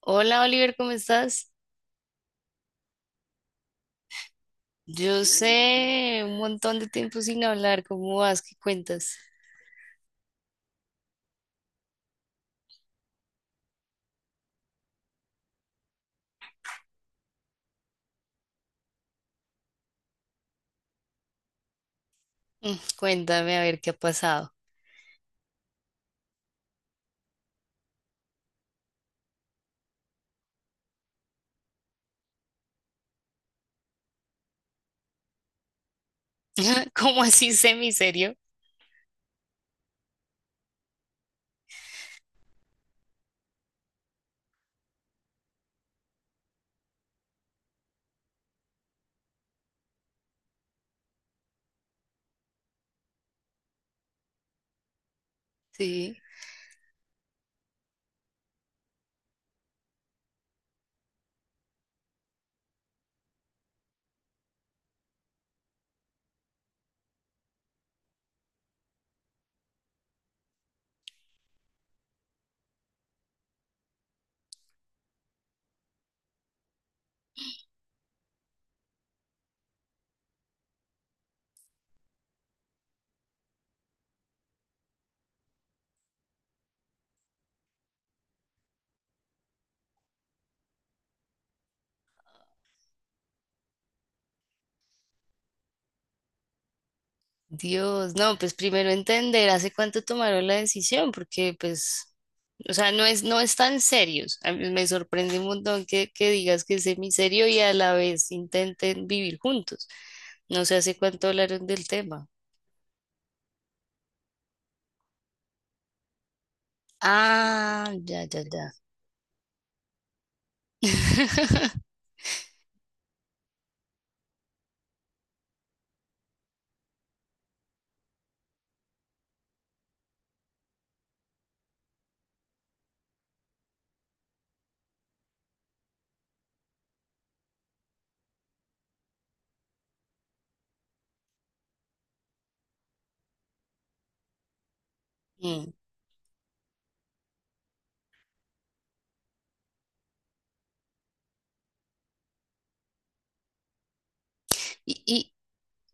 Hola, Oliver, ¿cómo estás? Yo sé, un montón de tiempo sin hablar. ¿Cómo vas? ¿Qué cuentas? Mm, cuéntame a ver qué ha pasado. ¿Cómo así semiserio? Sí. Dios, no, pues primero entender hace cuánto tomaron la decisión, porque pues, o sea, no es tan serios. A mí me sorprende un montón que digas que es semiserio y a la vez intenten vivir juntos. No sé hace cuánto hablaron del tema. Ah, ya, ya, ya. Mm. Y, y,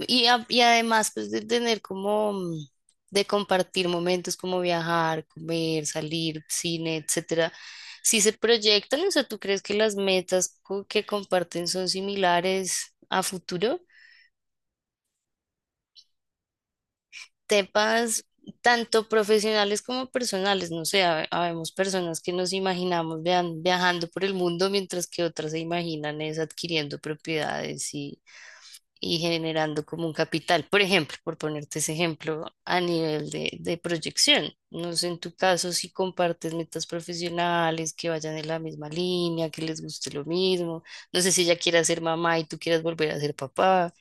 y además, pues, de tener como, de compartir momentos como viajar, comer, salir, cine, etcétera. Si se proyectan, o sea, ¿tú crees que las metas que comparten son similares a futuro? Temas tanto profesionales como personales. No sé, habemos personas que nos imaginamos viajando por el mundo, mientras que otras se imaginan es adquiriendo propiedades y generando como un capital. Por ejemplo, por ponerte ese ejemplo a nivel de proyección. No sé, en tu caso, si compartes metas profesionales, que vayan en la misma línea, que les guste lo mismo. No sé si ella quiera ser mamá y tú quieras volver a ser papá.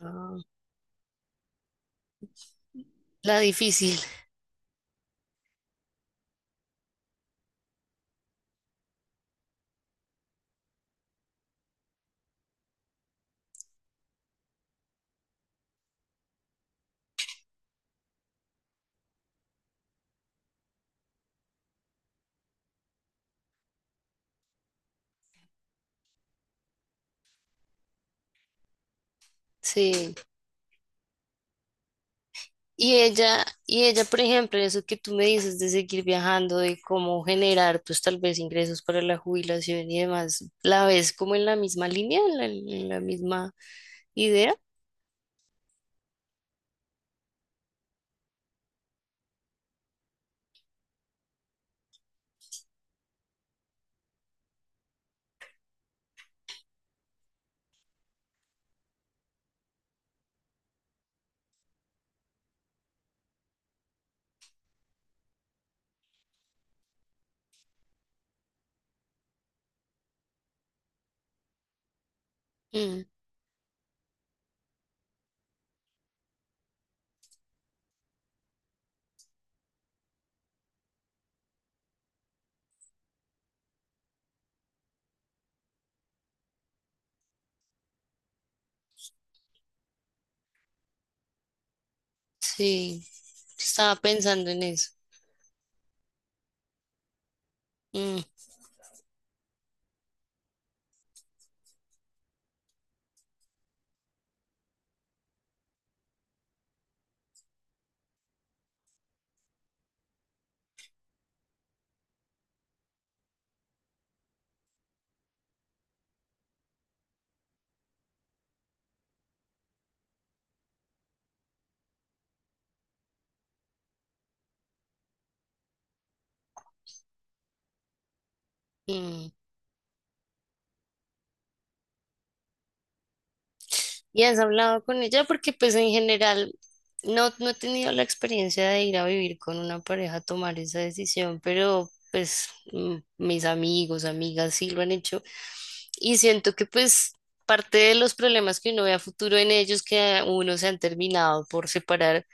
Ah, la difícil, sí. Y ella, por ejemplo, eso que tú me dices de seguir viajando, de cómo generar, pues, tal vez, ingresos para la jubilación y demás, ¿la ves como en la misma línea, en la misma idea? Sí, estaba pensando en eso. Mm, mm. ¿Y has hablado con ella? Porque, pues, en general no he tenido la experiencia de ir a vivir con una pareja, a tomar esa decisión, pero pues, mis amigos, amigas, sí lo han hecho. Y siento que, pues, parte de los problemas que uno ve a futuro en ellos que a uno se han terminado por separar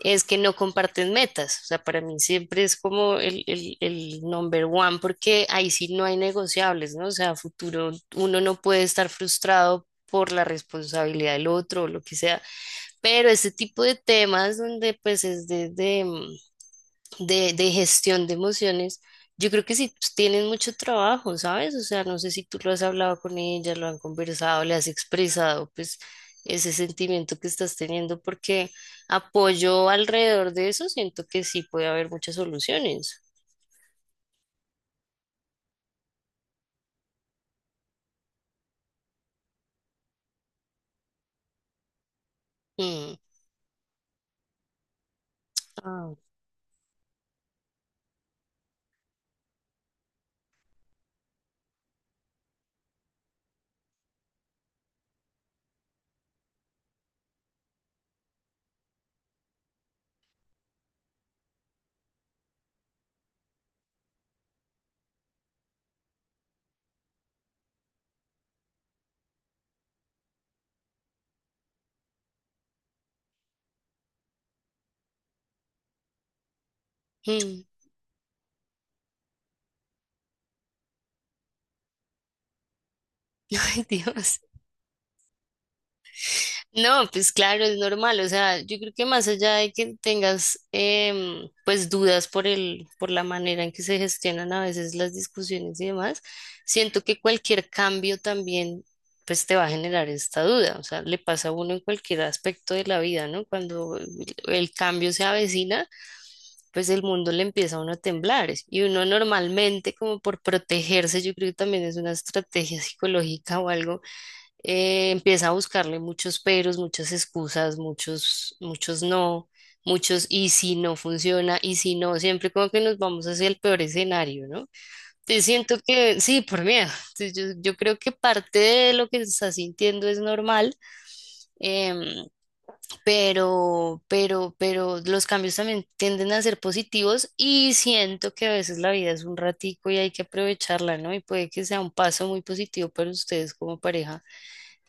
es que no comparten metas. O sea, para mí siempre es como el number one, porque ahí sí no hay negociables, ¿no? O sea, a futuro uno no puede estar frustrado por la responsabilidad del otro o lo que sea. Pero ese tipo de temas donde pues es desde de gestión de emociones, yo creo que sí, pues, tienen mucho trabajo, ¿sabes? O sea, no sé si tú lo has hablado con ella, lo han conversado, le has expresado, pues, ese sentimiento que estás teniendo, porque apoyo alrededor de eso, siento que sí puede haber muchas soluciones. Mm. Ah. Mm. Ay, Dios. No, pues claro, es normal. O sea, yo creo que más allá de que tengas pues, dudas por el, por la manera en que se gestionan a veces las discusiones y demás, siento que cualquier cambio también pues te va a generar esta duda. O sea, le pasa a uno en cualquier aspecto de la vida, ¿no? Cuando el cambio se avecina, pues el mundo le empieza a uno a temblar. Y uno normalmente como por protegerse, yo creo que también es una estrategia psicológica o algo, empieza a buscarle muchos peros, muchas excusas, muchos, muchos no, muchos y si no funciona, y si no, siempre como que nos vamos hacia el peor escenario, ¿no? Te siento que sí, por miedo. Entonces, yo creo que parte de lo que estás sintiendo es normal, em, pero los cambios también tienden a ser positivos, y siento que a veces la vida es un ratico y hay que aprovecharla, ¿no? Y puede que sea un paso muy positivo para ustedes como pareja,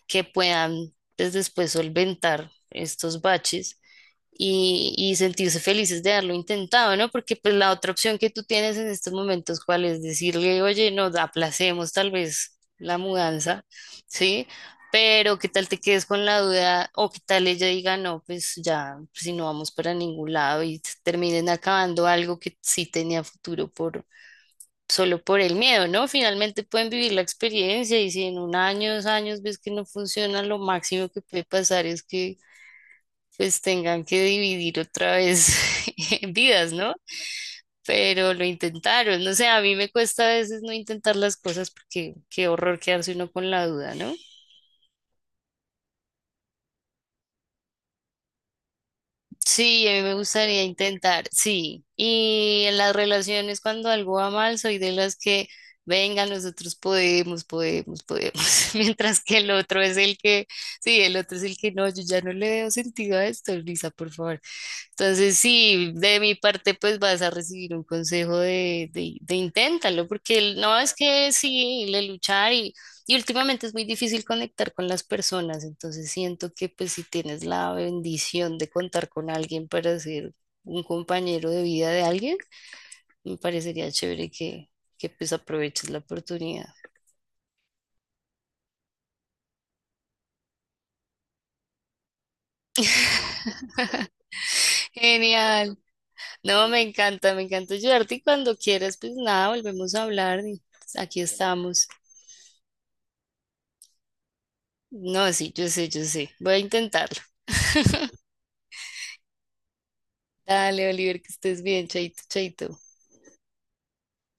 que puedan, pues, después solventar estos baches y sentirse felices de haberlo intentado, ¿no? Porque pues la otra opción que tú tienes en estos momentos, ¿cuál es? Decirle, oye, nos aplacemos tal vez la mudanza, ¿sí? Pero qué tal te quedes con la duda, o qué tal ella diga, no, pues ya, si no vamos para ningún lado, y terminen acabando algo que sí tenía futuro por, solo por el miedo, ¿no? Finalmente pueden vivir la experiencia, y si en un año, 2 años ves que no funciona, lo máximo que puede pasar es que pues tengan que dividir otra vez vidas, ¿no? Pero lo intentaron. No sé, a mí me cuesta a veces no intentar las cosas, porque qué horror quedarse uno con la duda, ¿no? Sí, a mí me gustaría intentar, sí. Y en las relaciones, cuando algo va mal, soy de las que, venga, nosotros podemos, podemos, podemos, mientras que el otro es el que, sí, el otro es el que no, yo ya no le veo sentido a esto, Lisa, por favor. Entonces, sí, de mi parte, pues, vas a recibir un consejo de, de inténtalo, porque el- no es que sí, le luchar, y últimamente es muy difícil conectar con las personas. Entonces, siento que pues si tienes la bendición de contar con alguien para ser un compañero de vida de alguien, me parecería chévere que pues aproveches la oportunidad. Genial. No, me encanta ayudarte, y cuando quieras, pues nada, volvemos a hablar y aquí estamos. No, sí, yo sé, yo sé. Voy a intentarlo. Dale, Oliver, que estés bien, chaito, chaito.